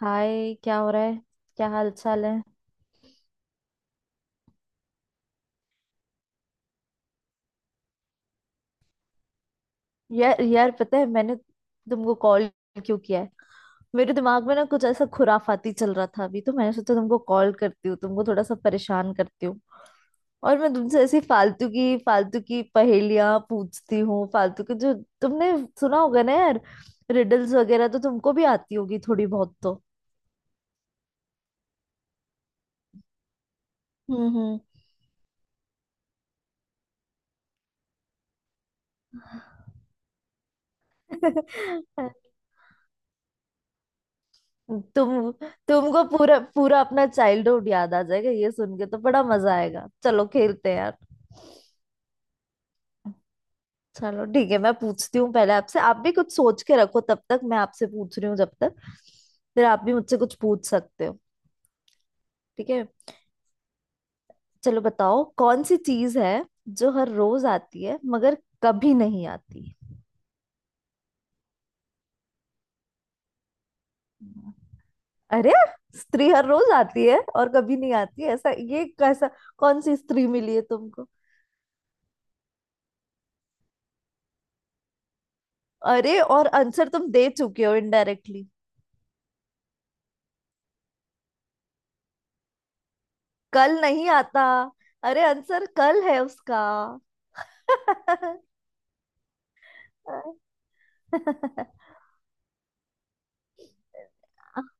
हाय, क्या हो रहा है? क्या हाल चाल है? यार यार, पता है मैंने तुमको कॉल क्यों किया है? मेरे दिमाग में ना कुछ ऐसा खुराफाती चल रहा था अभी, तो मैंने सोचा तुमको कॉल करती हूँ, तुमको थोड़ा सा परेशान करती हूँ। और मैं तुमसे ऐसी फालतू की पहेलियां पूछती हूँ, फालतू की, जो तुमने सुना होगा ना यार। रिडल्स वगैरह तो तुमको भी आती होगी थोड़ी बहुत तो। हम्म। हम्म। तुम तुमको पूरा पूरा अपना चाइल्डहुड याद आ जाएगा ये सुन के, तो बड़ा मजा आएगा, चलो खेलते हैं यार। चलो ठीक है, मैं पूछती हूँ पहले आपसे, आप भी कुछ सोच के रखो तब तक, मैं आपसे पूछ रही हूँ जब तक, फिर आप भी मुझसे कुछ पूछ सकते हो। ठीक है। चलो बताओ, कौन सी चीज है जो हर रोज आती है मगर कभी नहीं आती? अरे, स्त्री हर रोज आती है और कभी नहीं आती, ऐसा ये कैसा? कौन सी स्त्री मिली है तुमको? अरे, और आंसर तुम दे चुके हो इनडायरेक्टली। कल नहीं आता। अरे, आंसर कल है उसका।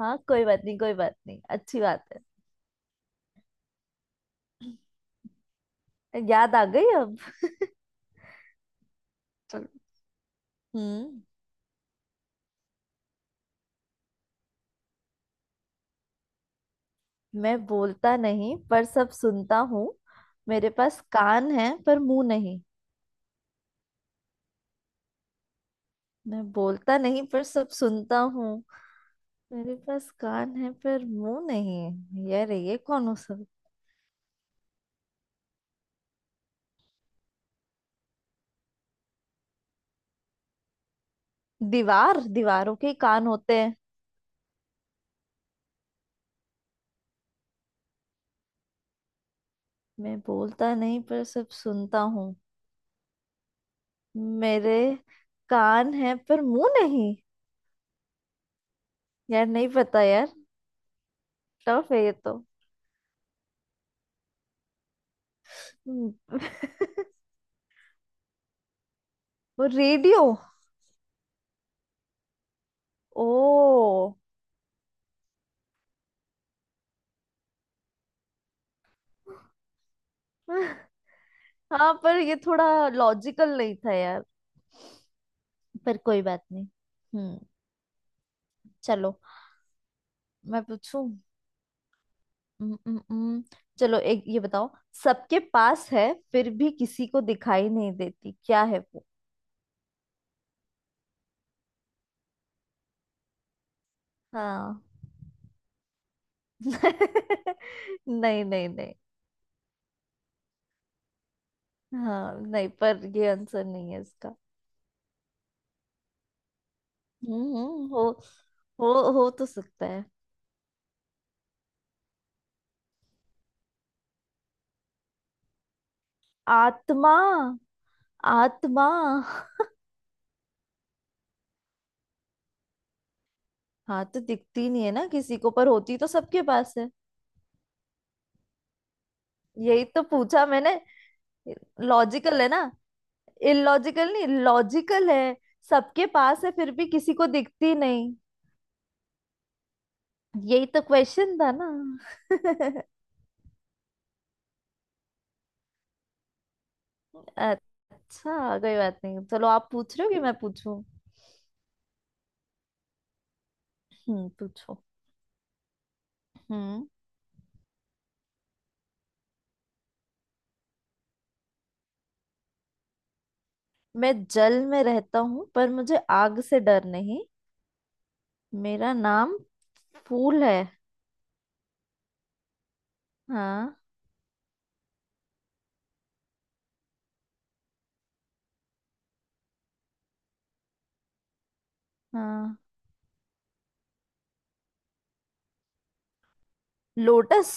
हाँ, कोई बात नहीं, कोई बात नहीं, अच्छी बात है। याद आ गई अब। चलो। हम्म। मैं बोलता नहीं पर सब सुनता हूँ। मेरे पास कान है पर मुंह नहीं। मैं बोलता नहीं पर सब सुनता हूँ। मेरे पास कान है पर मुंह नहीं, यार ये कौन हो सब? दीवार, दीवारों के कान होते हैं। मैं बोलता नहीं पर सब सुनता हूँ। मेरे कान है पर मुंह नहीं, यार नहीं पता यार। टफ है ये तो। हम्म, वो रेडियो! ओ। हाँ, पर ये थोड़ा लॉजिकल नहीं था यार। पर कोई बात नहीं। हम्म। चलो, मैं पूछूं। हम्म। हम्म। हम्म। चलो एक ये बताओ, सबके पास है फिर भी किसी को दिखाई नहीं देती, क्या है वो? हाँ। नहीं नहीं नहीं। हाँ, नहीं, पर ये आंसर नहीं है इसका। हम्म। हो तो सकता है। आत्मा। आत्मा। हाँ, तो दिखती नहीं है ना किसी को, पर होती तो सबके पास है। यही तो पूछा मैंने। लॉजिकल है ना। इलॉजिकल नहीं, लॉजिकल है। सबके पास है फिर भी किसी को दिखती नहीं। यही तो क्वेश्चन था ना। अच्छा, कोई बात नहीं। चलो आप पूछ रहे हो कि मैं पूछूं? हम्म, पूछो। हम्म। मैं जल में रहता हूँ पर मुझे आग से डर नहीं। मेरा नाम फूल है। हाँ। हाँ, लोटस।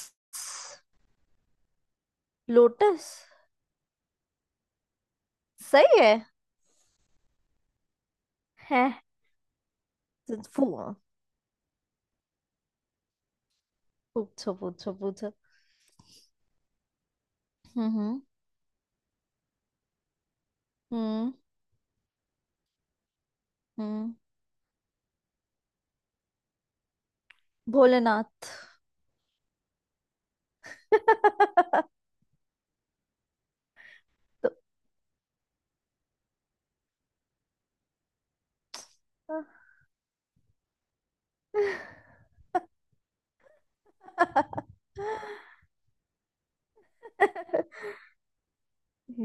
लोटस। सही है। है। फू- पूछो पूछो पूछो। हम्म। हम्म। हम्म। हम्म। भोलेनाथ। तो-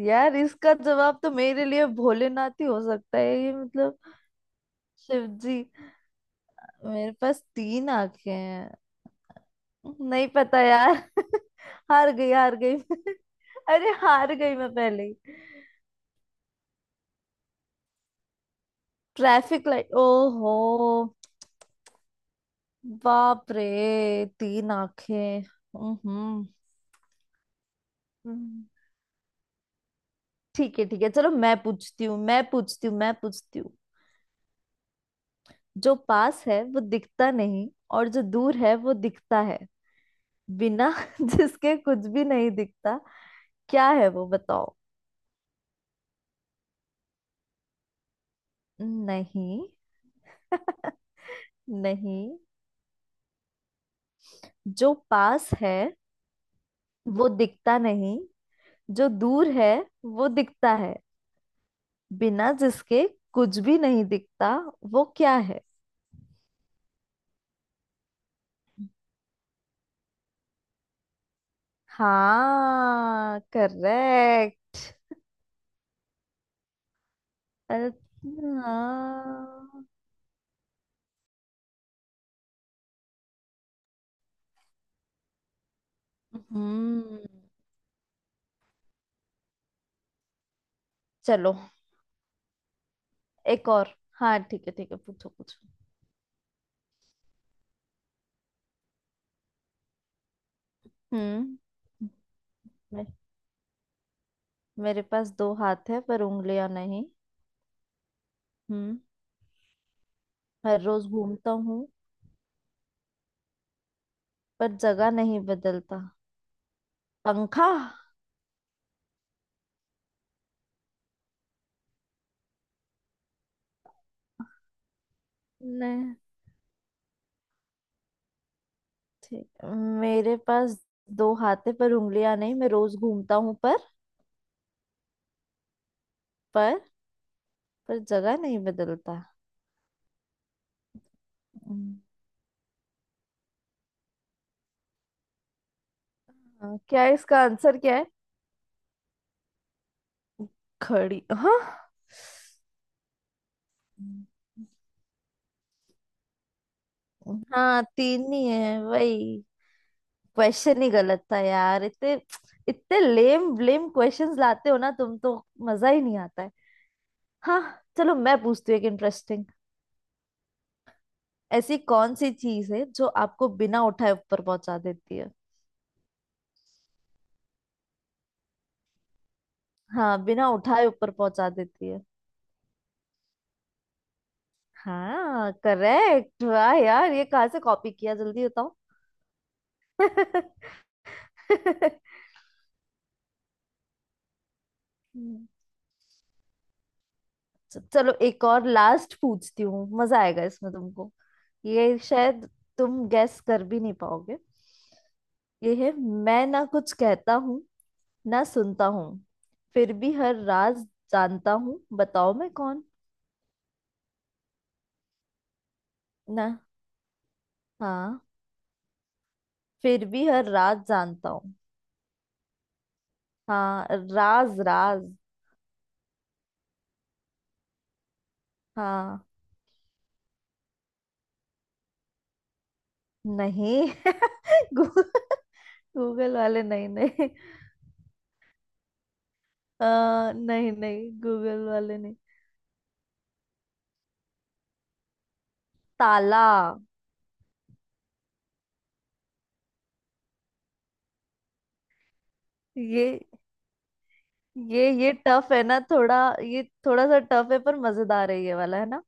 यार इसका जवाब तो मेरे लिए भोलेनाथ ही हो सकता है ये, मतलब। शिव जी। मेरे पास तीन आंखें हैं। नहीं पता यार। हार गई, हार गई, मैं। अरे हार गई मैं पहले ही। ट्रैफिक लाइट, ओहो। बाप रे। तीन आंखें। हम्म। हम्म। ठीक है, ठीक है, चलो मैं पूछती हूँ, मैं पूछती हूँ, मैं पूछती हूँ। जो पास है वो दिखता नहीं, और जो दूर है वो दिखता है, बिना जिसके कुछ भी नहीं दिखता, क्या है वो? बताओ। नहीं। नहीं, जो पास है वो दिखता नहीं, जो दूर है वो दिखता है, बिना जिसके कुछ भी नहीं दिखता, वो क्या है? हाँ, करेक्ट। हाँ। हम्म। चलो एक और। हाँ, ठीक है, ठीक है, पूछो पूछो। हम्म। मे- मेरे पास दो हाथ है पर उंगलियां नहीं। हम्म। हर रोज घूमता हूँ, पर जगह नहीं बदलता। पंखा। नहीं। ठीक, मेरे पास दो हाथ है पर उंगलियां नहीं, मैं रोज घूमता हूँ, पर पर जगह नहीं बदलता। हम्म। हाँ, क्या है इसका आंसर, क्या है? घड़ी। हाँ। हाँ, तीन ही है, वही। क्वेश्चन ही गलत था यार। इतने इतने लेम लेम क्वेश्चंस लाते हो ना तुम तो, मजा ही नहीं आता है। हाँ, चलो मैं पूछती हूँ एक इंटरेस्टिंग। ऐसी कौन सी चीज है जो आपको बिना उठाए ऊपर पहुंचा देती है? हाँ, बिना उठाए ऊपर पहुंचा देती है। हाँ करेक्ट, वाह यार, ये कहाँ से कॉपी किया जल्दी बताओ। हम्म। चलो एक और लास्ट पूछती हूँ, मजा आएगा इसमें तुमको। ये शायद तुम गैस कर भी नहीं पाओगे। ये है, मैं ना कुछ कहता हूँ ना सुनता हूँ, फिर भी हर राज जानता हूँ, बताओ मैं कौन? ना। हाँ। फिर भी हर राज जानता हूँ। हाँ, राज, राज। हाँ। नहीं। गूगल वाले नहीं, नहीं। नहीं नहीं, गूगल वाले नहीं। ताला। ये ये टफ है ना थोड़ा। ये थोड़ा सा टफ है पर मजेदार है ये वाला है ना।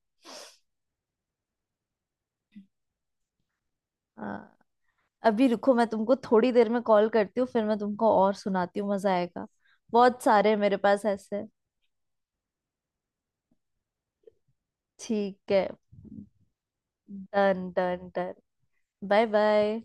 हाँ। अभी रुको, मैं तुमको थोड़ी देर में कॉल करती हूँ, फिर मैं तुमको और सुनाती हूँ, मजा आएगा। बहुत सारे हैं मेरे पास ऐसे। ठीक है। Done done done. Bye bye.